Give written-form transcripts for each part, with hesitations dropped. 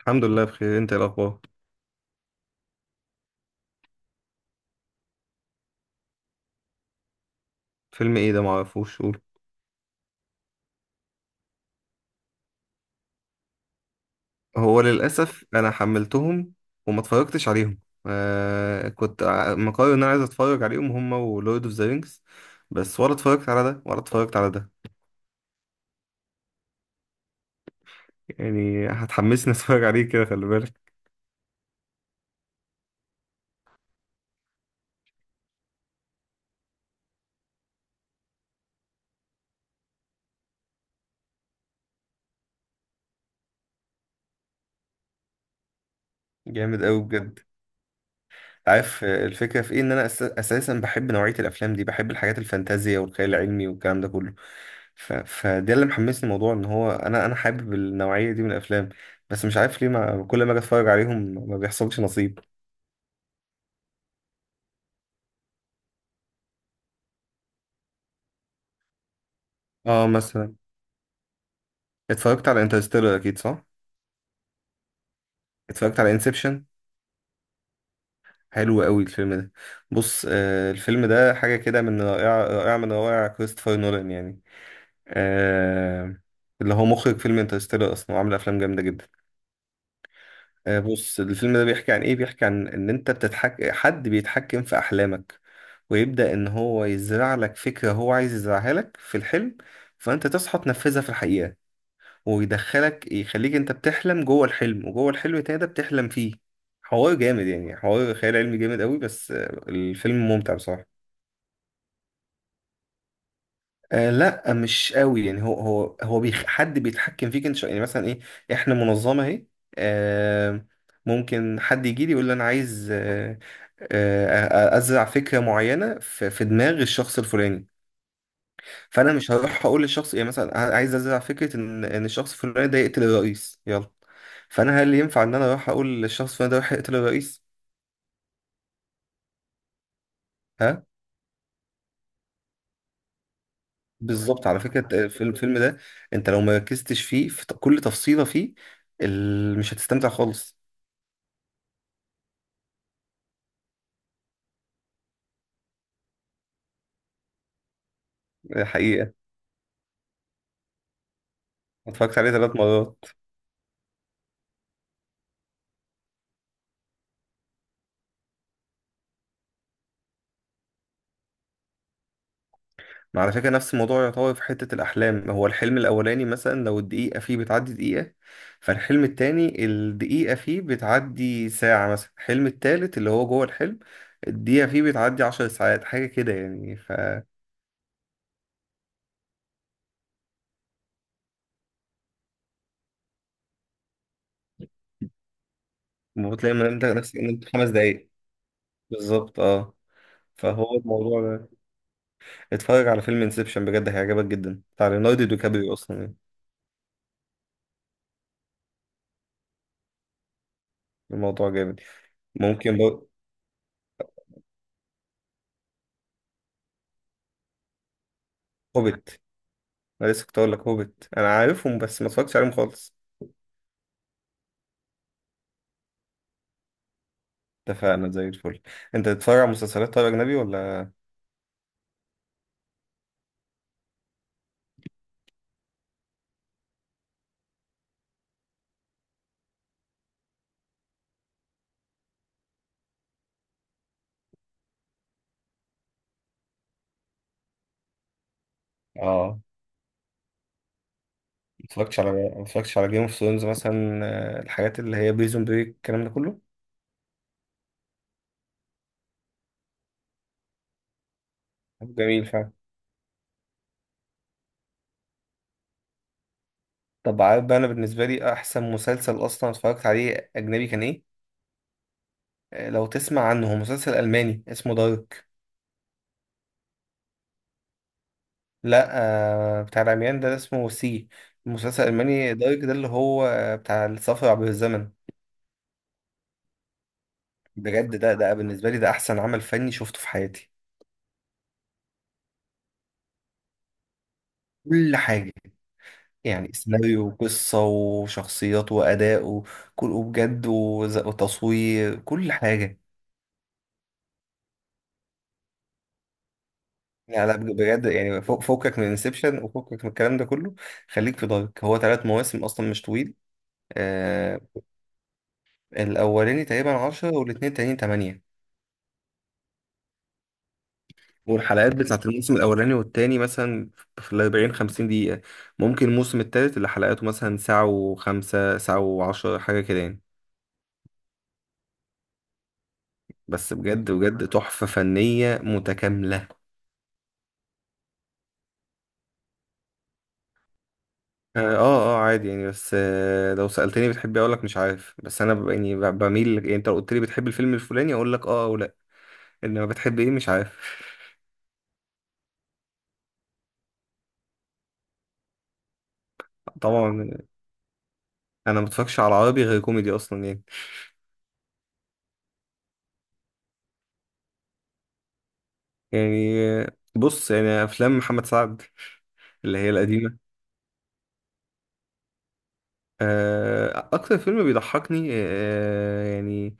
الحمد لله، بخير. انت ايه الاخبار؟ فيلم ايه ده؟ معرفوش، قول. هو للاسف انا حملتهم وما اتفرجتش عليهم. آه، كنت مقرر ان انا عايز اتفرج عليهم هما ولورد اوف ذا رينجز. بس ولا اتفرجت على ده ولا اتفرجت على ده. يعني هتحمسني اتفرج عليه؟ كده خلي بالك. جامد قوي بجد. عارف الفكرة في ايه؟ ان انا اساسا بحب نوعية الافلام دي، بحب الحاجات الفانتازيا والخيال العلمي والكلام ده كله. فده اللي محمسني الموضوع، ان هو انا حابب النوعية دي من الافلام. بس مش عارف ليه، ما... كل ما اجي اتفرج عليهم ما بيحصلش نصيب. اه، مثلا اتفرجت على انترستيلر، اكيد صح؟ اتفرجت على انسبشن. حلو قوي الفيلم ده. بص، آه الفيلم ده حاجة كده من رائعة، رائعة من روائع كريستوفر نولان يعني. آه. اللي هو مخرج فيلم انترستيلر اصلا، وعامل افلام جامدة جدا. بص الفيلم ده بيحكي عن ايه؟ بيحكي عن ان انت بتتحك، حد بيتحكم في احلامك، ويبدأ ان هو يزرع لك فكرة هو عايز يزرعها لك في الحلم، فانت تصحى تنفذها في الحقيقة، ويدخلك يخليك انت بتحلم جوه الحلم، وجوه الحلم التاني ده بتحلم فيه. حوار جامد، يعني حوار خيال علمي جامد قوي، بس الفيلم ممتع بصراحة. آه، لا مش قوي يعني، هو حد بيتحكم فيك انت، يعني مثلا ايه، احنا منظمه اهي. آه. ممكن حد يجي لي يقول لي انا عايز. ازرع فكره معينه في دماغ الشخص الفلاني. فانا مش هروح اقول للشخص يعني، مثلا عايز ازرع فكره ان الشخص الفلاني ده يقتل الرئيس، يلا. فانا هل ينفع ان انا اروح اقول للشخص الفلاني ده يروح يقتل الرئيس؟ ها. بالظبط، على فكره. في الفيلم ده انت لو مركزتش فيه في كل تفصيله فيه مش هتستمتع خالص. دي حقيقة. اتفرجت عليه 3 مرات. ما على فكرة، نفس الموضوع يعتبر في حتة الأحلام. هو الحلم الأولاني مثلا، لو الدقيقة فيه بتعدي دقيقة، فالحلم التاني الدقيقة فيه بتعدي ساعة. مثلا الحلم التالت اللي هو جوه الحلم، الدقيقة فيه بتعدي 10 ساعات، حاجة كده يعني ف بتلاقي من انت نفسك ان انت 5 دقايق. بالظبط، اه. فهو الموضوع ده. اتفرج على فيلم انسبشن بجد، هيعجبك جدا، بتاع ليوناردو دي كابريو اصلا يعني. الموضوع جامد. ممكن برضه. هوبيت. انا لسه كنت اقول لك هوبت، انا عارفهم بس ما اتفرجتش عليهم خالص. اتفقنا زي الفل. انت بتتفرج على مسلسلات طيب، اجنبي ولا؟ اه، ما اتفرجتش على جيم اوف ثرونز مثلا، الحاجات اللي هي بريزون بريك، الكلام ده كله. طب جميل فعلا. طب عارف بقى، انا بالنسبه لي احسن مسلسل اصلا اتفرجت عليه اجنبي كان ايه؟ لو تسمع عنه، هو مسلسل الماني اسمه دارك. لا. بتاع العميان ده اسمه سي. المسلسل الالماني دارك ده اللي هو بتاع السفر عبر الزمن. بجد ده بالنسبه لي، ده احسن عمل فني شفته في حياتي. كل حاجة. يعني سيناريو وقصة وشخصيات وأداء وكل، وبجد وتصوير، كل حاجة. لا، لا، بجد يعني، فوقك من انسبشن وفوقك من الكلام ده كله. خليك في دارك، هو 3 مواسم أصلا، مش طويل. آه. الأولاني تقريبا 10، والاتنين التانيين 8. والحلقات بتاعت الموسم الأولاني والتاني مثلا في 40، 50 دقيقة. ممكن الموسم التالت اللي حلقاته مثلا ساعة و5، ساعة و10، حاجة كده يعني. بس بجد بجد، تحفة فنية متكاملة. اه، اه. عادي يعني، بس لو سألتني بتحبي اقول لك مش عارف. بس انا يعني بميل يعني، انت لو قلت لي بتحب الفيلم الفلاني اقول لك اه او لا. انما بتحب ايه؟ مش عارف. طبعا، انا ما بتفرجش على عربي غير كوميدي اصلا يعني. يعني بص يعني، افلام محمد سعد اللي هي القديمة. اكتر فيلم بيضحكني، يعني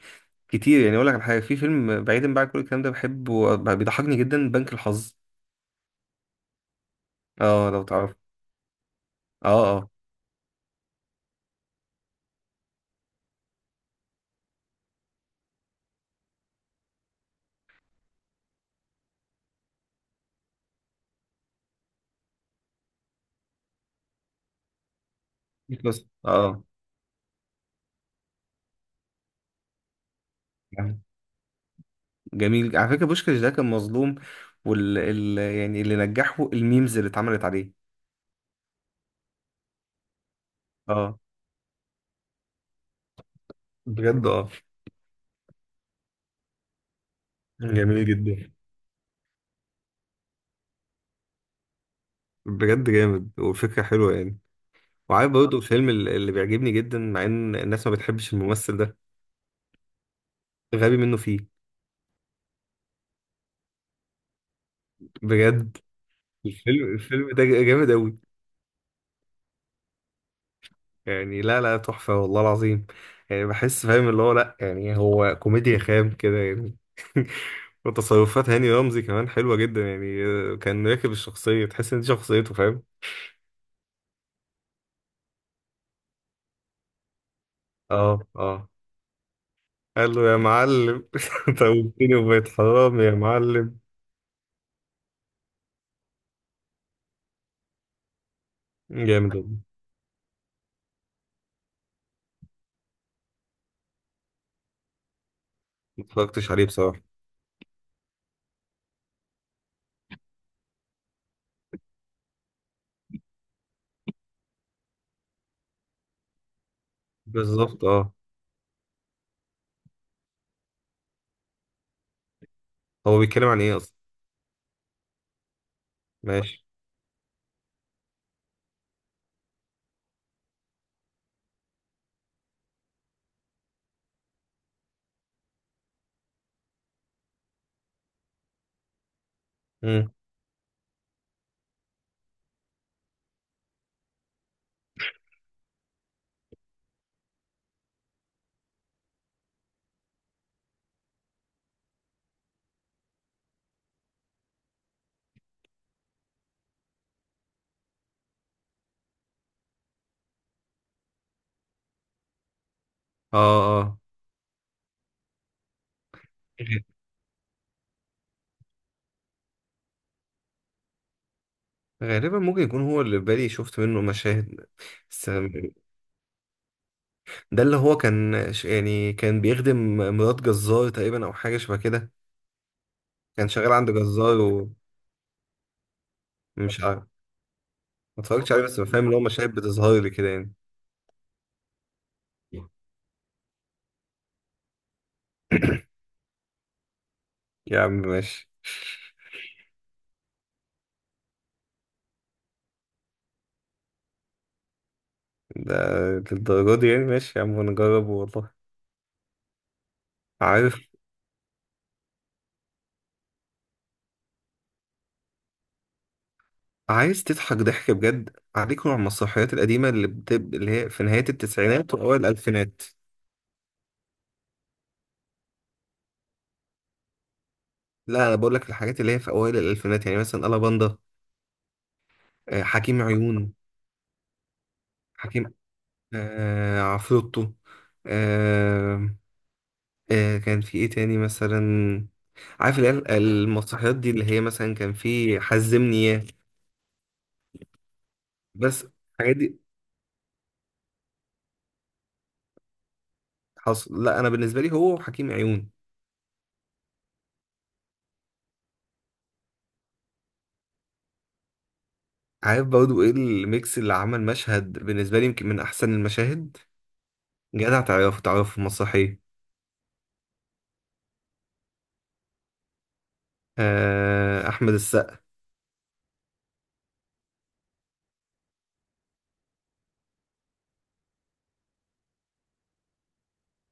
كتير يعني، اقول لك على حاجة. في فيلم بعيدا بقى عن كل الكلام ده بحبه، بيضحكني جدا، بنك الحظ. اه، لو تعرف. اه، اه. بس اه، جميل. على فكرة بوشكاش ده كان مظلوم، يعني اللي نجحه الميمز اللي اتعملت عليه. اه، بجد اه، جميل جدا. بجد جامد، والفكرة حلوة يعني. وعارف برضه الفيلم اللي بيعجبني جدا مع ان الناس ما بتحبش الممثل ده؟ غبي منه فيه. بجد. الفيلم ده جامد قوي. يعني لا، لا تحفة والله العظيم يعني. بحس، فاهم اللي هو، لا يعني هو كوميديا خام كده يعني. وتصرفات هاني رمزي كمان حلوة جدا يعني، كان راكب الشخصية، تحس ان دي شخصيته فاهم. اه، اه. قال له يا معلم، توبتني وبقيت حرام يا معلم. جامد والله. ما اتفرجتش عليه بصراحة. بالظبط، اه. هو بيتكلم عن ايه اصلا؟ ماشي. مم. اه، اه. غ- غالبا ممكن يكون هو اللي في بالي، شفت منه مشاهد. بس ده اللي هو كان يعني كان بيخدم مرات جزار تقريبا، او حاجه شبه كده. كان شغال عند جزار. ومش عارف، ما اتفرجتش عليه، بس بفهم اللي هو مشاهد بتظهر لي كده يعني. يا عم ماشي. ده للدرجة دي يعني؟ ماشي يا عم، ونجرب والله. عارف، عايز تضحك ضحك بجد؟ عليك نوع من المسرحيات القديمة، اللي هي في نهاية التسعينات وأوائل الألفينات. لا، أنا بقول لك الحاجات اللي هي في أوائل الألفينات، يعني مثلا ألا باندا، حكيم عيون. حكيم، آه عفروتو. آه. آه كان في ايه تاني مثلا؟ عارف اللي هي المسرحيات دي، اللي هي مثلا كان في حزمني ياه. بس الحاجات دي حصل. لا، انا بالنسبه لي هو وحكيم عيون. عارف برضو ايه الميكس اللي عمل مشهد بالنسبه لي يمكن من احسن المشاهد؟ جدع، تعرفه تعرفه في المسرحيه؟ آه، احمد السقا.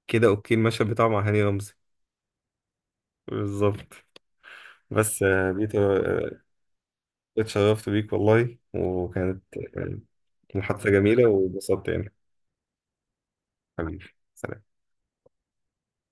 كده اوكي، المشهد بتاعه مع هاني رمزي. بالظبط. بس بيتر اتشرفت بيك والله، وكانت محادثة جميلة وبسطت يعني. حبيبي. سلام.